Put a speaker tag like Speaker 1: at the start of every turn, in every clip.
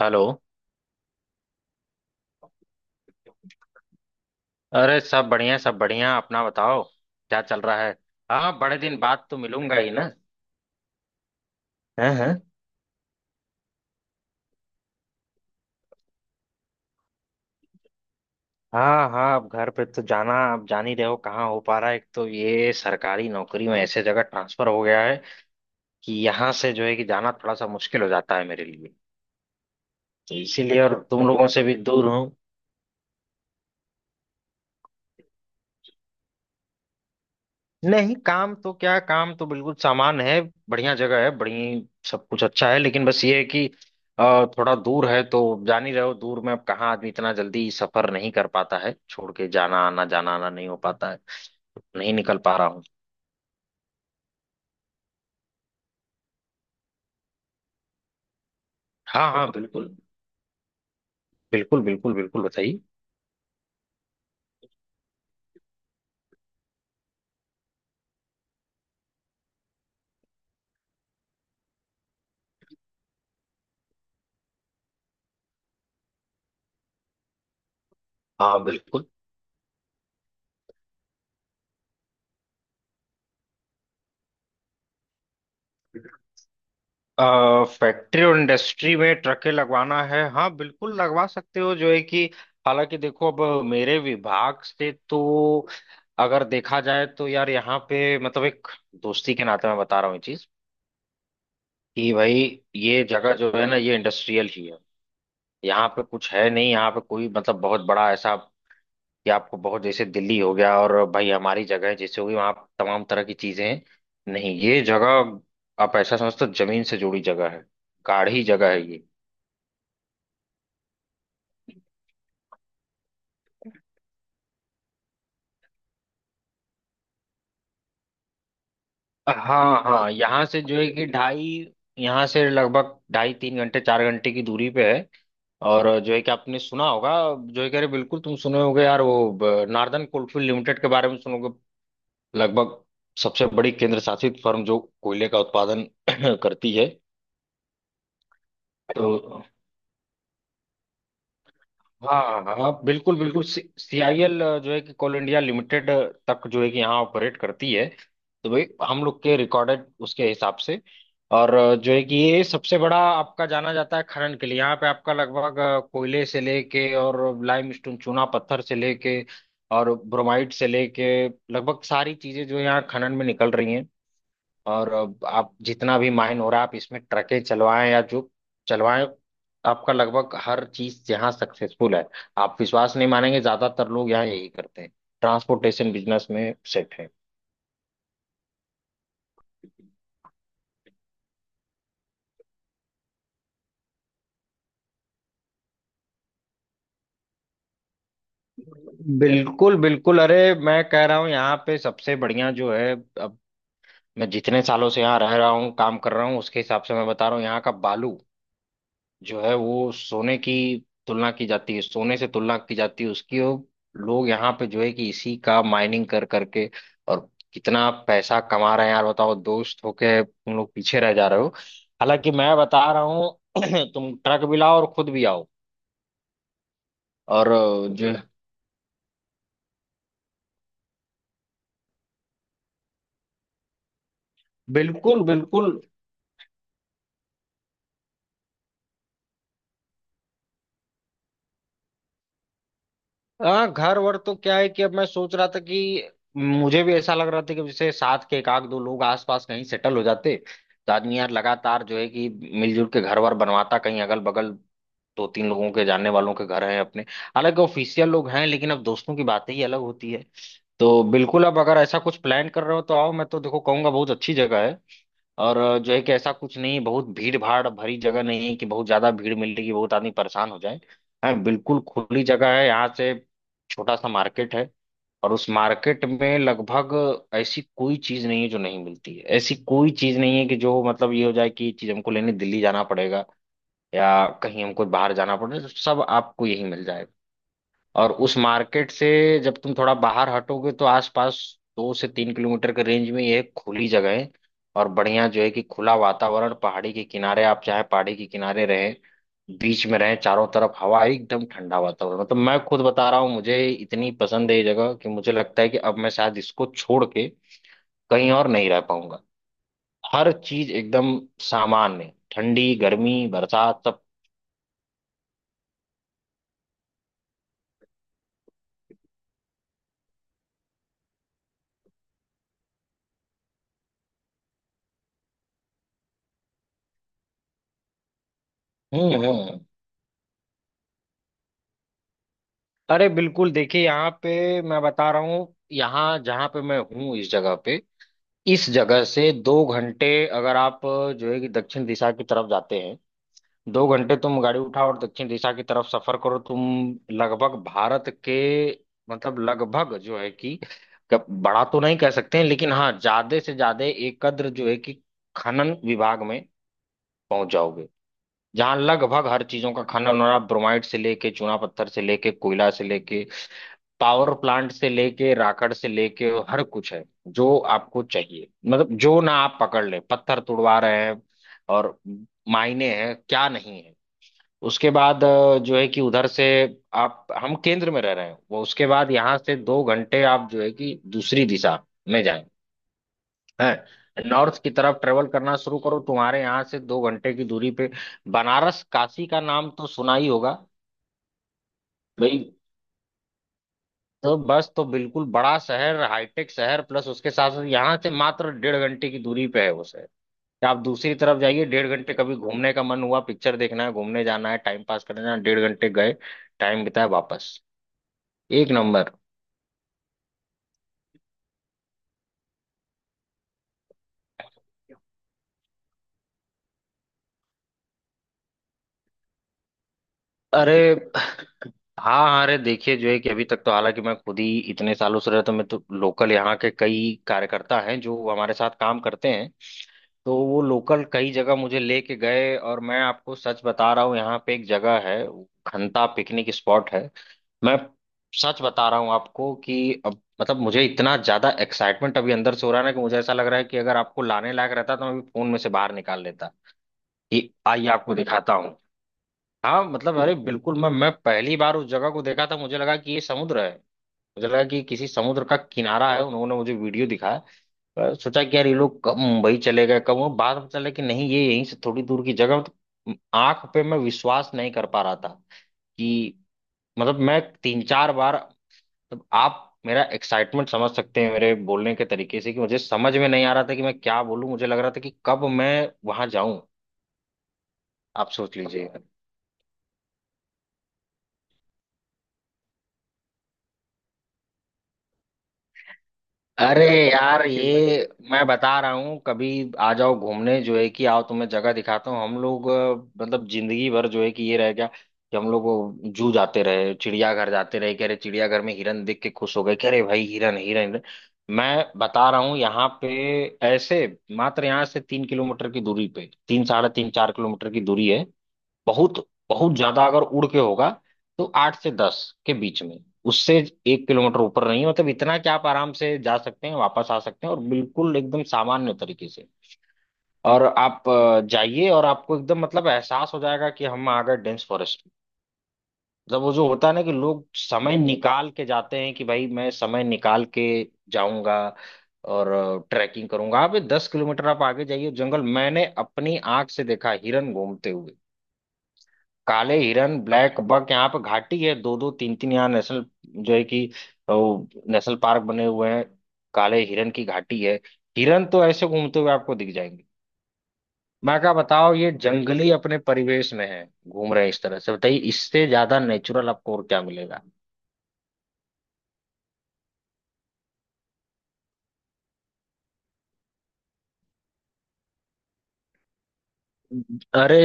Speaker 1: Hello. अरे सब बढ़िया, सब बढ़िया। अपना बताओ क्या चल रहा है। हाँ, बड़े दिन बाद तो मिलूंगा ही ना। हैं। हाँ हाँ, अब घर पे तो जाना, अब जान ही रहे हो कहाँ हो पा रहा है। एक तो ये सरकारी नौकरी में ऐसे जगह ट्रांसफर हो गया है कि यहाँ से जो है कि जाना थोड़ा सा मुश्किल हो जाता है मेरे लिए। तो इसीलिए और तुम लोगों से भी दूर हूँ। नहीं, काम तो क्या, काम तो बिल्कुल सामान है। बढ़िया जगह है बढ़िया। सब कुछ अच्छा है लेकिन बस ये है कि थोड़ा दूर है तो। जान ही रहे हो, दूर में अब कहाँ आदमी इतना जल्दी सफर नहीं कर पाता है, छोड़ के जाना, आना जाना, आना नहीं हो पाता है। नहीं निकल पा रहा हूँ। हाँ हाँ बिल्कुल, बिल्कुल बिल्कुल बिल्कुल बताइए। हाँ बिल्कुल, फैक्ट्री और इंडस्ट्री में ट्रकें लगवाना है, हाँ बिल्कुल लगवा सकते हो। जो है कि हालांकि देखो, अब मेरे विभाग से तो अगर देखा जाए तो यार, यहाँ पे मतलब एक दोस्ती के नाते मैं बता रहा हूँ ये चीज, कि भाई ये जगह जो है ना, ये इंडस्ट्रियल ही है। यहाँ पे कुछ है नहीं, यहाँ पे कोई मतलब बहुत बड़ा ऐसा कि आपको बहुत जैसे दिल्ली हो गया और भाई हमारी जगह है जैसे होगी वहाँ, तमाम तरह की चीजें हैं नहीं। ये जगह आप ऐसा समझते हो जमीन से जुड़ी जगह है, गाढ़ी जगह है ये। हाँ हाँ, यहाँ से जो है कि ढाई, यहाँ से लगभग ढाई तीन घंटे चार घंटे की दूरी पे है। और जो है कि आपने सुना होगा, जो है कि अरे बिल्कुल तुम सुने होगे यार वो नार्दर्न कोलफील्ड लिमिटेड के बारे में सुनोगे। लगभग सबसे बड़ी केंद्र शासित फर्म जो कोयले का उत्पादन करती है। तो हाँ हाँ हाँ, हाँ, बिल्कुल बिल्कुल। सीआईएल जो है कि कोल इंडिया लिमिटेड, तक जो है कि यहाँ ऑपरेट करती है। तो भाई हम लोग के रिकॉर्डेड उसके हिसाब से, और जो है कि ये सबसे बड़ा आपका जाना जाता है खनन के लिए। यहाँ पे आपका लगभग कोयले से लेके और लाइमस्टोन, चूना पत्थर से लेके और ब्रोमाइट से लेके लगभग सारी चीजें जो यहाँ खनन में निकल रही हैं। और अब आप जितना भी माइन हो रहा है, आप इसमें ट्रकें चलवाएं या जो चलवाएं, आपका लगभग हर चीज यहाँ सक्सेसफुल है। आप विश्वास नहीं मानेंगे, ज्यादातर लोग यहाँ यही करते हैं। ट्रांसपोर्टेशन बिजनेस में सेट है। बिल्कुल बिल्कुल, अरे मैं कह रहा हूँ यहाँ पे सबसे बढ़िया जो है। अब मैं जितने सालों से यहाँ रह रहा हूँ, काम कर रहा हूँ, उसके हिसाब से मैं बता रहा हूँ यहाँ का बालू जो है वो सोने की तुलना की जाती है, सोने से तुलना की जाती है उसकी। और लोग यहाँ पे जो है कि इसी का माइनिंग कर करके और कितना पैसा कमा रहे हैं। यार बताओ, दोस्त होके तुम लोग पीछे रह जा रहे हो। हालांकि मैं बता रहा हूँ तुम ट्रक भी लाओ और खुद भी आओ। और अ, जो बिल्कुल बिल्कुल। हाँ, घर वर तो क्या है कि अब मैं सोच रहा था कि मुझे भी ऐसा लग रहा था कि जैसे साथ के एक आध दो लोग आसपास कहीं सेटल हो जाते, तो आदमी यार लगातार जो है कि मिलजुल के घर वर बनवाता कहीं अगल बगल। दो तीन लोगों के जानने वालों के घर हैं अपने, हालांकि ऑफिशियल लोग हैं, लेकिन अब दोस्तों की बातें ही अलग होती है। तो बिल्कुल, अब अगर ऐसा कुछ प्लान कर रहे हो तो आओ। मैं तो देखो कहूंगा बहुत अच्छी जगह है, और जो है कि ऐसा कुछ नहीं है, बहुत भीड़ भाड़ भरी जगह नहीं है कि बहुत ज्यादा भीड़ मिलेगी, बहुत आदमी परेशान हो जाए। हाँ बिल्कुल, खुली जगह है यहाँ से। छोटा सा मार्केट है, और उस मार्केट में लगभग ऐसी कोई चीज नहीं है जो नहीं मिलती है। ऐसी कोई चीज नहीं है कि जो मतलब ये हो जाए कि ये चीज हमको लेने दिल्ली जाना पड़ेगा या कहीं हमको बाहर जाना पड़ेगा, तो सब आपको यही मिल जाएगा। और उस मार्केट से जब तुम थोड़ा बाहर हटोगे, तो आसपास 2 से 3 किलोमीटर के रेंज में ये खुली जगह है। और बढ़िया जो है कि खुला वातावरण, पहाड़ी के किनारे, आप चाहे पहाड़ी के किनारे रहे, बीच में रहे, चारों तरफ हवा है, एकदम ठंडा वातावरण। मतलब मैं खुद बता रहा हूँ, मुझे इतनी पसंद है ये जगह कि मुझे लगता है कि अब मैं शायद इसको छोड़ के कहीं और नहीं रह पाऊंगा। हर चीज एकदम सामान्य, ठंडी गर्मी बरसात सब। हम्म हम्म हम्म। अरे बिल्कुल, देखिए यहाँ पे मैं बता रहा हूँ, यहाँ जहाँ पे मैं हूँ इस जगह पे, इस जगह से 2 घंटे, अगर आप जो है कि दक्षिण दिशा की तरफ जाते हैं, 2 घंटे तुम गाड़ी उठाओ और दक्षिण दिशा की तरफ सफर करो तुम, लगभग भारत के, मतलब लगभग जो है कि बड़ा तो नहीं कह सकते हैं, लेकिन हाँ ज्यादा से ज्यादा एक कद्र जो है कि खनन विभाग में पहुंच जाओगे, जहाँ लगभग हर चीजों का खनन हो रहा है। ब्रोमाइट से लेके, चूना पत्थर से लेके, कोयला से लेके, पावर प्लांट से लेके, राकड़ से लेके, हर कुछ है जो आपको चाहिए। मतलब जो ना आप पकड़ ले, पत्थर तुड़वा रहे हैं और मायने हैं क्या नहीं है। उसके बाद जो है कि उधर से, आप हम केंद्र में रह रहे हैं वो, उसके बाद यहाँ से 2 घंटे आप जो है कि दूसरी दिशा में जाएं, हैं, नॉर्थ की तरफ ट्रेवल करना शुरू करो, तुम्हारे यहाँ से 2 घंटे की दूरी पे बनारस, काशी का नाम तो सुना ही होगा भाई। तो बस, तो बिल्कुल बड़ा शहर, हाईटेक शहर, प्लस उसके साथ साथ यहाँ से मात्र 1.5 घंटे की दूरी पे है वो शहर। या आप दूसरी तरफ जाइए, 1.5 घंटे, कभी घूमने का मन हुआ, पिक्चर देखना है, घूमने जाना है, टाइम पास करना है, 1.5 घंटे गए, टाइम बिताया, वापस, एक नंबर। अरे हाँ हाँ, अरे देखिए जो है कि अभी तक तो हालांकि मैं खुद ही इतने सालों से रहता हूँ, तो मैं तो लोकल, यहाँ के कई कार्यकर्ता हैं जो हमारे साथ काम करते हैं, तो वो लोकल कई जगह मुझे लेके गए, और मैं आपको सच बता रहा हूँ, यहाँ पे एक जगह है, वो खंता पिकनिक स्पॉट है। मैं सच बता रहा हूँ आपको कि अब मतलब मुझे इतना ज्यादा एक्साइटमेंट अभी अंदर से हो रहा है ना, कि मुझे ऐसा लग रहा है कि अगर आपको लाने लायक रहता तो मैं अभी फोन में से बाहर निकाल लेता कि आइए आपको दिखाता हूँ। हाँ, मतलब अरे बिल्कुल, मैं पहली बार उस जगह को देखा था, मुझे लगा कि ये समुद्र है, मुझे लगा कि किसी समुद्र का किनारा है। उन्होंने मुझे वीडियो दिखाया, पर सोचा कि यार ये लोग कब मुंबई चले गए, कब, वो बाद में चला कि नहीं, ये यहीं से थोड़ी दूर की जगह। मतलब आंख पे मैं विश्वास नहीं कर पा रहा था कि, मतलब मैं तीन चार बार, मतलब आप मेरा एक्साइटमेंट समझ सकते हैं मेरे बोलने के तरीके से, कि मुझे समझ में नहीं आ रहा था कि मैं क्या बोलूं, मुझे लग रहा था कि कब मैं वहां जाऊं। आप सोच लीजिए। अरे यार, ये मैं बता रहा हूँ, कभी आ जाओ घूमने, जो है कि आओ, तुम्हें जगह दिखाता हूँ। हम लोग मतलब जिंदगी भर जो है कि ये रह गया कि हम लोग वो जू जाते रहे, चिड़ियाघर जाते रहे, कह रहे चिड़ियाघर में हिरन देख के खुश हो गए, कह रहे भाई हिरन हिरन हिरन। मैं बता रहा हूँ यहाँ पे ऐसे, मात्र यहाँ से 3 किलोमीटर की दूरी पे, तीन साढ़े तीन 4 किलोमीटर की दूरी है। बहुत, बहुत ज्यादा अगर उड़ के होगा तो आठ से दस के बीच में। उससे 1 किलोमीटर ऊपर नहीं है, मतलब इतना कि आप आराम से जा सकते हैं, वापस आ सकते हैं, और बिल्कुल एकदम सामान्य तरीके से। और आप जाइए और आपको एकदम मतलब एहसास हो जाएगा कि हम आ गए डेंस फॉरेस्ट में। मतलब वो जो होता है ना कि लोग समय निकाल के जाते हैं कि भाई मैं समय निकाल के जाऊंगा और ट्रैकिंग करूंगा। आप ये 10 किलोमीटर आप आगे जाइए जंगल, मैंने अपनी आंख से देखा हिरन घूमते हुए, काले हिरन, ब्लैक बक। यहाँ पे घाटी है, दो दो तीन तीन, यहाँ नेशनल जो है कि वो नेशनल पार्क बने हुए हैं, काले हिरन की घाटी है। हिरन तो ऐसे घूमते हुए आपको दिख जाएंगे। मैं क्या बताओ, ये जंगली अपने परिवेश में है, घूम रहे हैं इस तरह से, बताइए इससे ज्यादा नेचुरल आपको और क्या मिलेगा। अरे,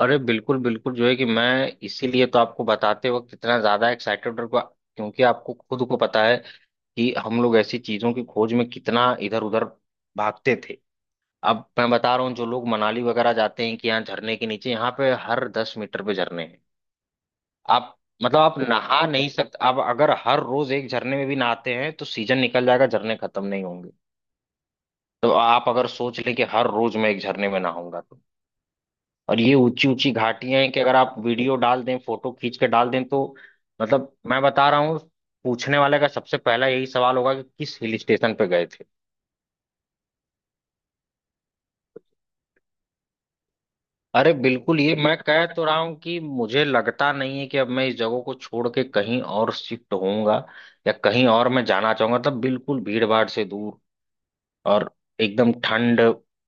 Speaker 1: अरे बिल्कुल बिल्कुल, जो है कि मैं इसीलिए तो आपको बताते वक्त इतना ज्यादा एक्साइटेड, क्योंकि आपको खुद को पता है कि हम लोग ऐसी चीजों की खोज में कितना इधर उधर भागते थे। अब मैं बता रहा हूँ, जो लोग मनाली वगैरह जाते हैं कि यहाँ झरने के नीचे, यहाँ पे हर 10 मीटर पे झरने हैं। आप मतलब आप नहा नहीं सकते, आप अगर हर रोज एक झरने में भी नहाते हैं तो सीजन निकल जाएगा, झरने खत्म नहीं होंगे। तो आप अगर सोच लें कि हर रोज मैं एक झरने में नहाऊंगा तो, और ये ऊंची ऊंची घाटियां हैं कि अगर आप वीडियो डाल दें, फोटो खींच के डाल दें तो, मतलब मैं बता रहा हूँ, पूछने वाले का सबसे पहला यही सवाल होगा कि किस हिल स्टेशन पे गए थे। अरे बिल्कुल, ये मैं कह तो रहा हूं कि मुझे लगता नहीं है कि अब मैं इस जगह को छोड़ के कहीं और शिफ्ट होऊंगा, या कहीं और मैं जाना चाहूंगा। तब बिल्कुल भीड़ भाड़ से दूर, और एकदम ठंड,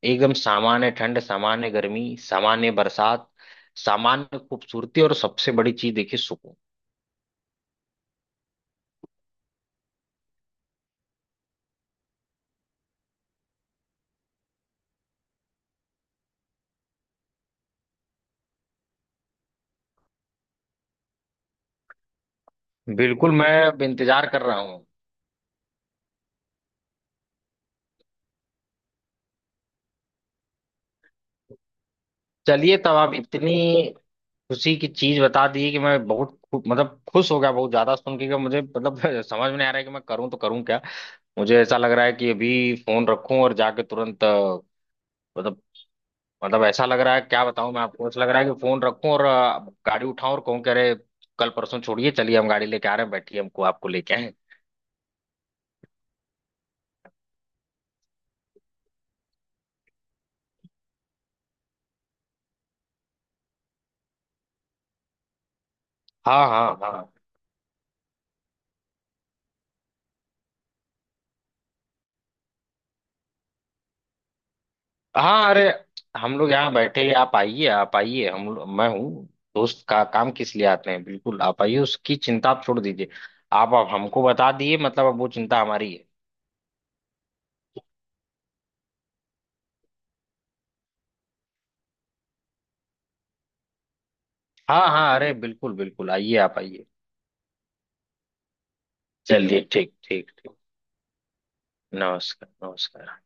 Speaker 1: एकदम सामान्य ठंड, सामान्य गर्मी, सामान्य बरसात, सामान्य खूबसूरती, और सबसे बड़ी चीज देखिए, सुकून। बिल्कुल, मैं अब इंतजार कर रहा हूँ। चलिए, तब आप इतनी खुशी की चीज बता दी कि मैं बहुत मतलब खुश हो गया बहुत ज्यादा सुन के कि मुझे, मतलब समझ में नहीं आ रहा है कि मैं करूँ तो करूँ क्या। मुझे ऐसा लग रहा है कि अभी फोन रखूं और जाके तुरंत मतलब, ऐसा लग रहा है, क्या बताऊं मैं आपको, ऐसा लग रहा है कि फोन रखूं और गाड़ी उठाऊं और कहूं कि अरे, कल परसों छोड़िए, चलिए हम गाड़ी लेके आ रहे हैं, बैठिए, हमको आपको लेके आए। हाँ हाँ हाँ, हाँ, अरे हम लोग यहाँ बैठे हैं, आप आइए, आप आइए, हम लोग- मैं हूँ। दोस्त का काम किस लिए आते हैं, बिल्कुल आप आइए, उसकी चिंता आप छोड़ दीजिए। आप अब हमको बता दिए, मतलब अब वो चिंता हमारी है। हाँ हाँ, अरे बिल्कुल बिल्कुल, आइए, आप आइए। चलिए ठीक ठीक ठीक। नमस्कार। नमस्कार